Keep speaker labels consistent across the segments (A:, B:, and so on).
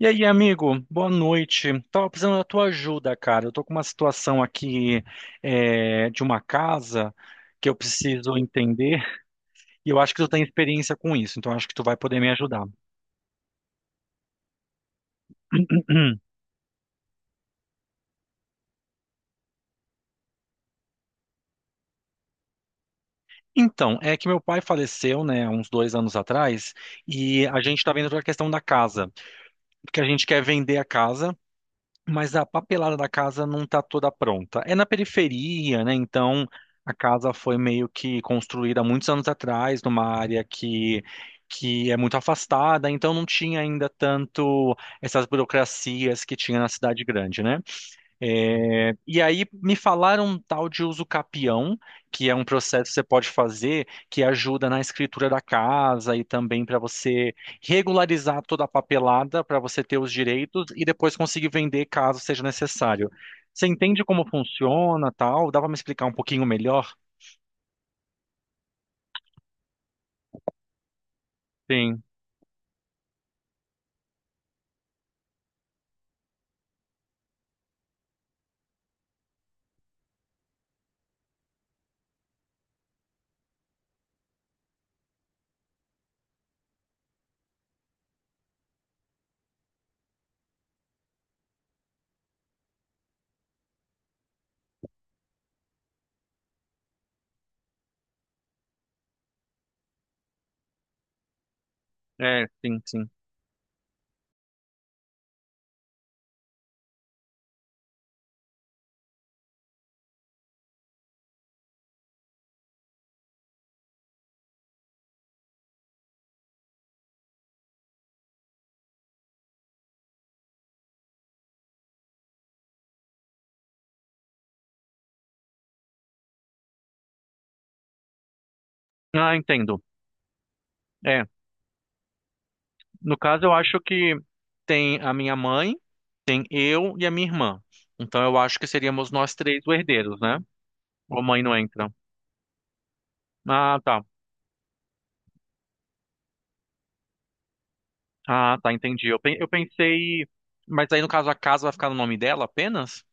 A: E aí, amigo, boa noite. Tava precisando da tua ajuda, cara. Eu tô com uma situação aqui de uma casa que eu preciso entender e eu acho que tu tem experiência com isso, então acho que tu vai poder me ajudar. Então, é que meu pai faleceu, né, uns 2 anos atrás, e a gente tá vendo toda a questão da casa, porque a gente quer vender a casa. Mas a papelada da casa não está toda pronta. É na periferia, né? Então a casa foi meio que construída há muitos anos atrás, numa área que é muito afastada, então não tinha ainda tanto essas burocracias que tinha na cidade grande, né? E aí me falaram um tal de uso capião, que é um processo que você pode fazer que ajuda na escritura da casa e também para você regularizar toda a papelada para você ter os direitos e depois conseguir vender caso seja necessário. Você entende como funciona, tal? Dá para me explicar um pouquinho melhor? Sim, é, sim, sim. Ah, entendo. É, no caso eu acho que tem a minha mãe, tem eu e a minha irmã. Então eu acho que seríamos nós três os herdeiros, né? Ou a mãe não entra. Ah, tá. Ah, tá, entendi. Eu pensei. Mas aí, no caso, a casa vai ficar no nome dela apenas?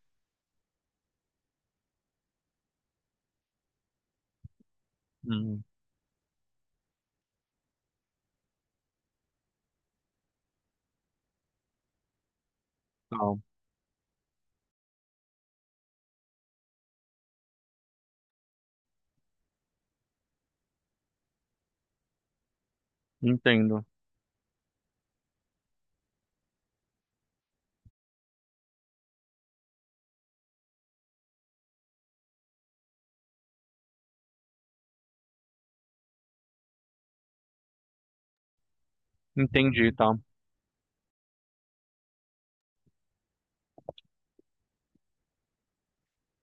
A: Hum, tá. Entendo. Entendi, tá.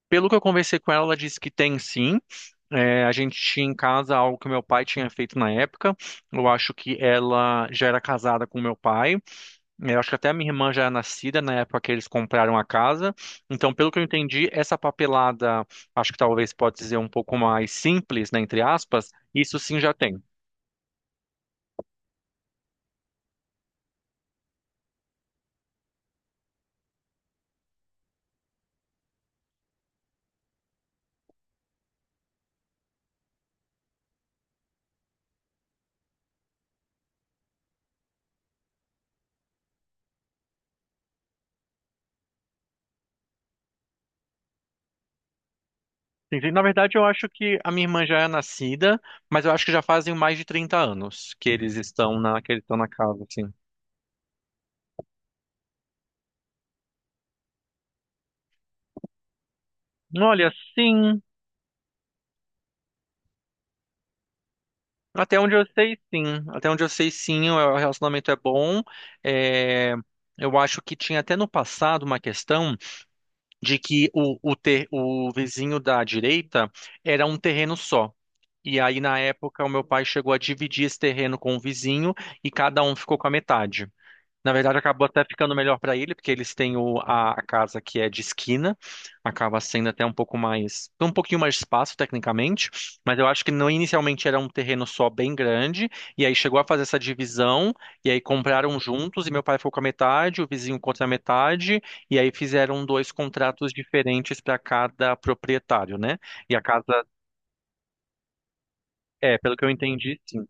A: Pelo que eu conversei com ela, ela disse que tem sim. A gente tinha em casa algo que meu pai tinha feito na época. Eu acho que ela já era casada com meu pai. Eu acho que até a minha irmã já era nascida na época que eles compraram a casa. Então, pelo que eu entendi, essa papelada, acho que talvez pode dizer um pouco mais simples, né, entre aspas, isso sim já tem. Entendi. Na verdade, eu acho que a minha irmã já é nascida, mas eu acho que já fazem mais de 30 anos que eles estão na casa, assim. Olha, sim. Até onde eu sei, sim. Até onde eu sei, sim, o relacionamento é bom. É, Eu acho que tinha até no passado uma questão de que o vizinho da direita era um terreno só. E aí, na época, o meu pai chegou a dividir esse terreno com o vizinho e cada um ficou com a metade. Na verdade, acabou até ficando melhor para ele, porque eles têm a casa que é de esquina, acaba sendo até um pouco mais, um pouquinho mais de espaço tecnicamente, mas eu acho que não inicialmente era um terreno só bem grande, e aí chegou a fazer essa divisão, e aí compraram juntos, e meu pai ficou com a metade, o vizinho contra a metade, e aí fizeram dois contratos diferentes para cada proprietário, né? E a casa, pelo que eu entendi, sim,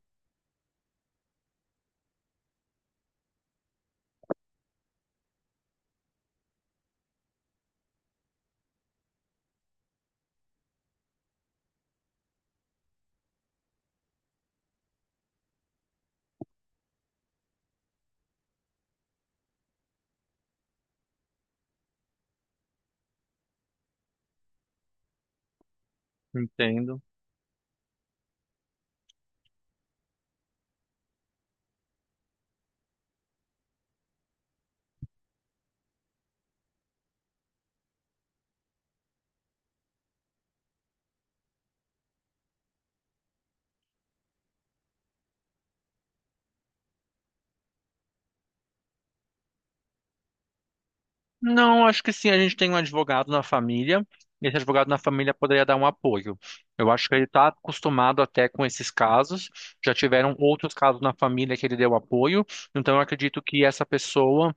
A: entendo. Não, acho que sim, a gente tem um advogado na família, e esse advogado na família poderia dar um apoio. Eu acho que ele está acostumado até com esses casos, já tiveram outros casos na família que ele deu apoio, então eu acredito que essa pessoa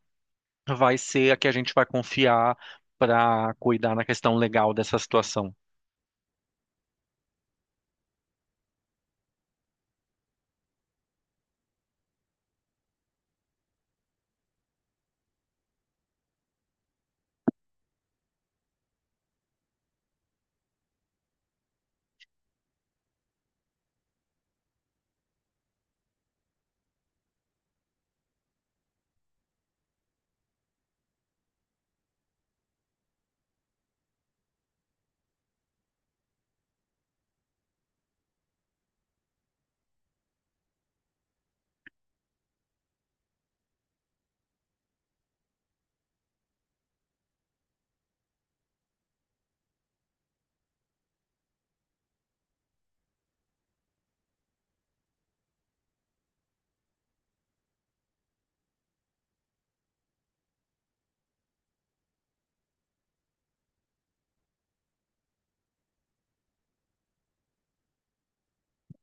A: vai ser a que a gente vai confiar para cuidar na questão legal dessa situação.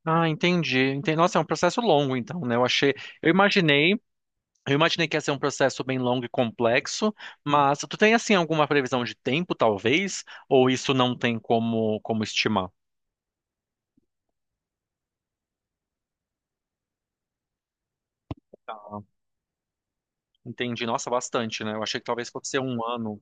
A: Ah, entendi. Entendi. Nossa, é um processo longo, então, né? Eu imaginei Eu imaginei que ia ser um processo bem longo e complexo, mas tu tem assim alguma previsão de tempo, talvez, ou isso não tem como estimar? Tá. Entendi. Nossa, bastante, né? Eu achei que talvez fosse ser um ano.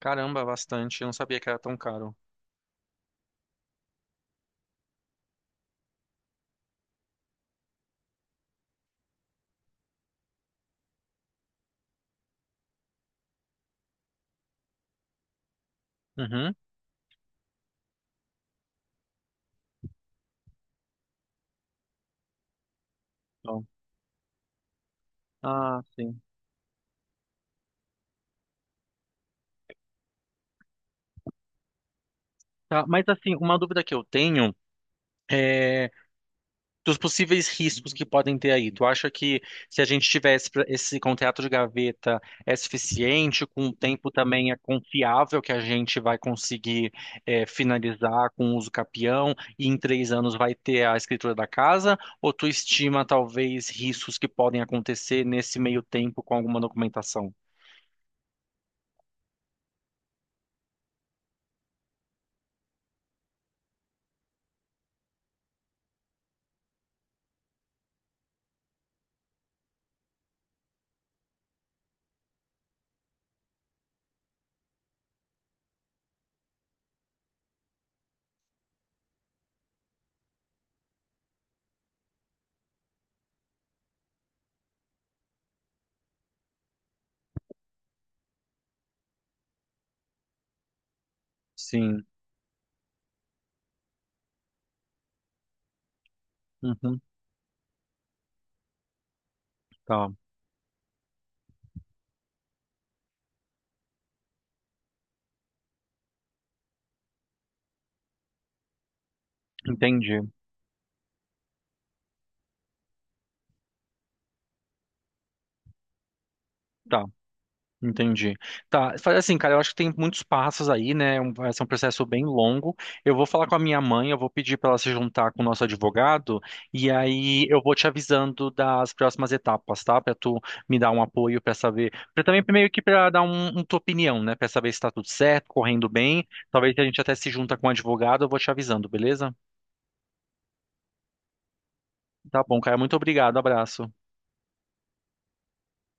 A: Caramba, bastante. Eu não sabia que era tão caro. Uhum. Bom. Ah, sim. Tá, mas assim, uma dúvida que eu tenho é dos possíveis riscos que podem ter aí. Tu acha que se a gente tivesse esse contrato de gaveta é suficiente, com o tempo também é confiável que a gente vai conseguir finalizar com o uso capião e em 3 anos vai ter a escritura da casa? Ou tu estima talvez riscos que podem acontecer nesse meio tempo com alguma documentação? Sim. Uhum. Tá. Entendi. Tá. Entendi. Tá, faz assim, cara, eu acho que tem muitos passos aí, né? Vai ser um processo bem longo. Eu vou falar com a minha mãe, eu vou pedir para ela se juntar com o nosso advogado, e aí eu vou te avisando das próximas etapas, tá? Para tu me dar um apoio, para saber. Pra também meio que para dar um tua opinião, né? Para saber se tá tudo certo, correndo bem. Talvez a gente até se junta com o advogado, eu vou te avisando, beleza? Tá bom, cara, muito obrigado, abraço.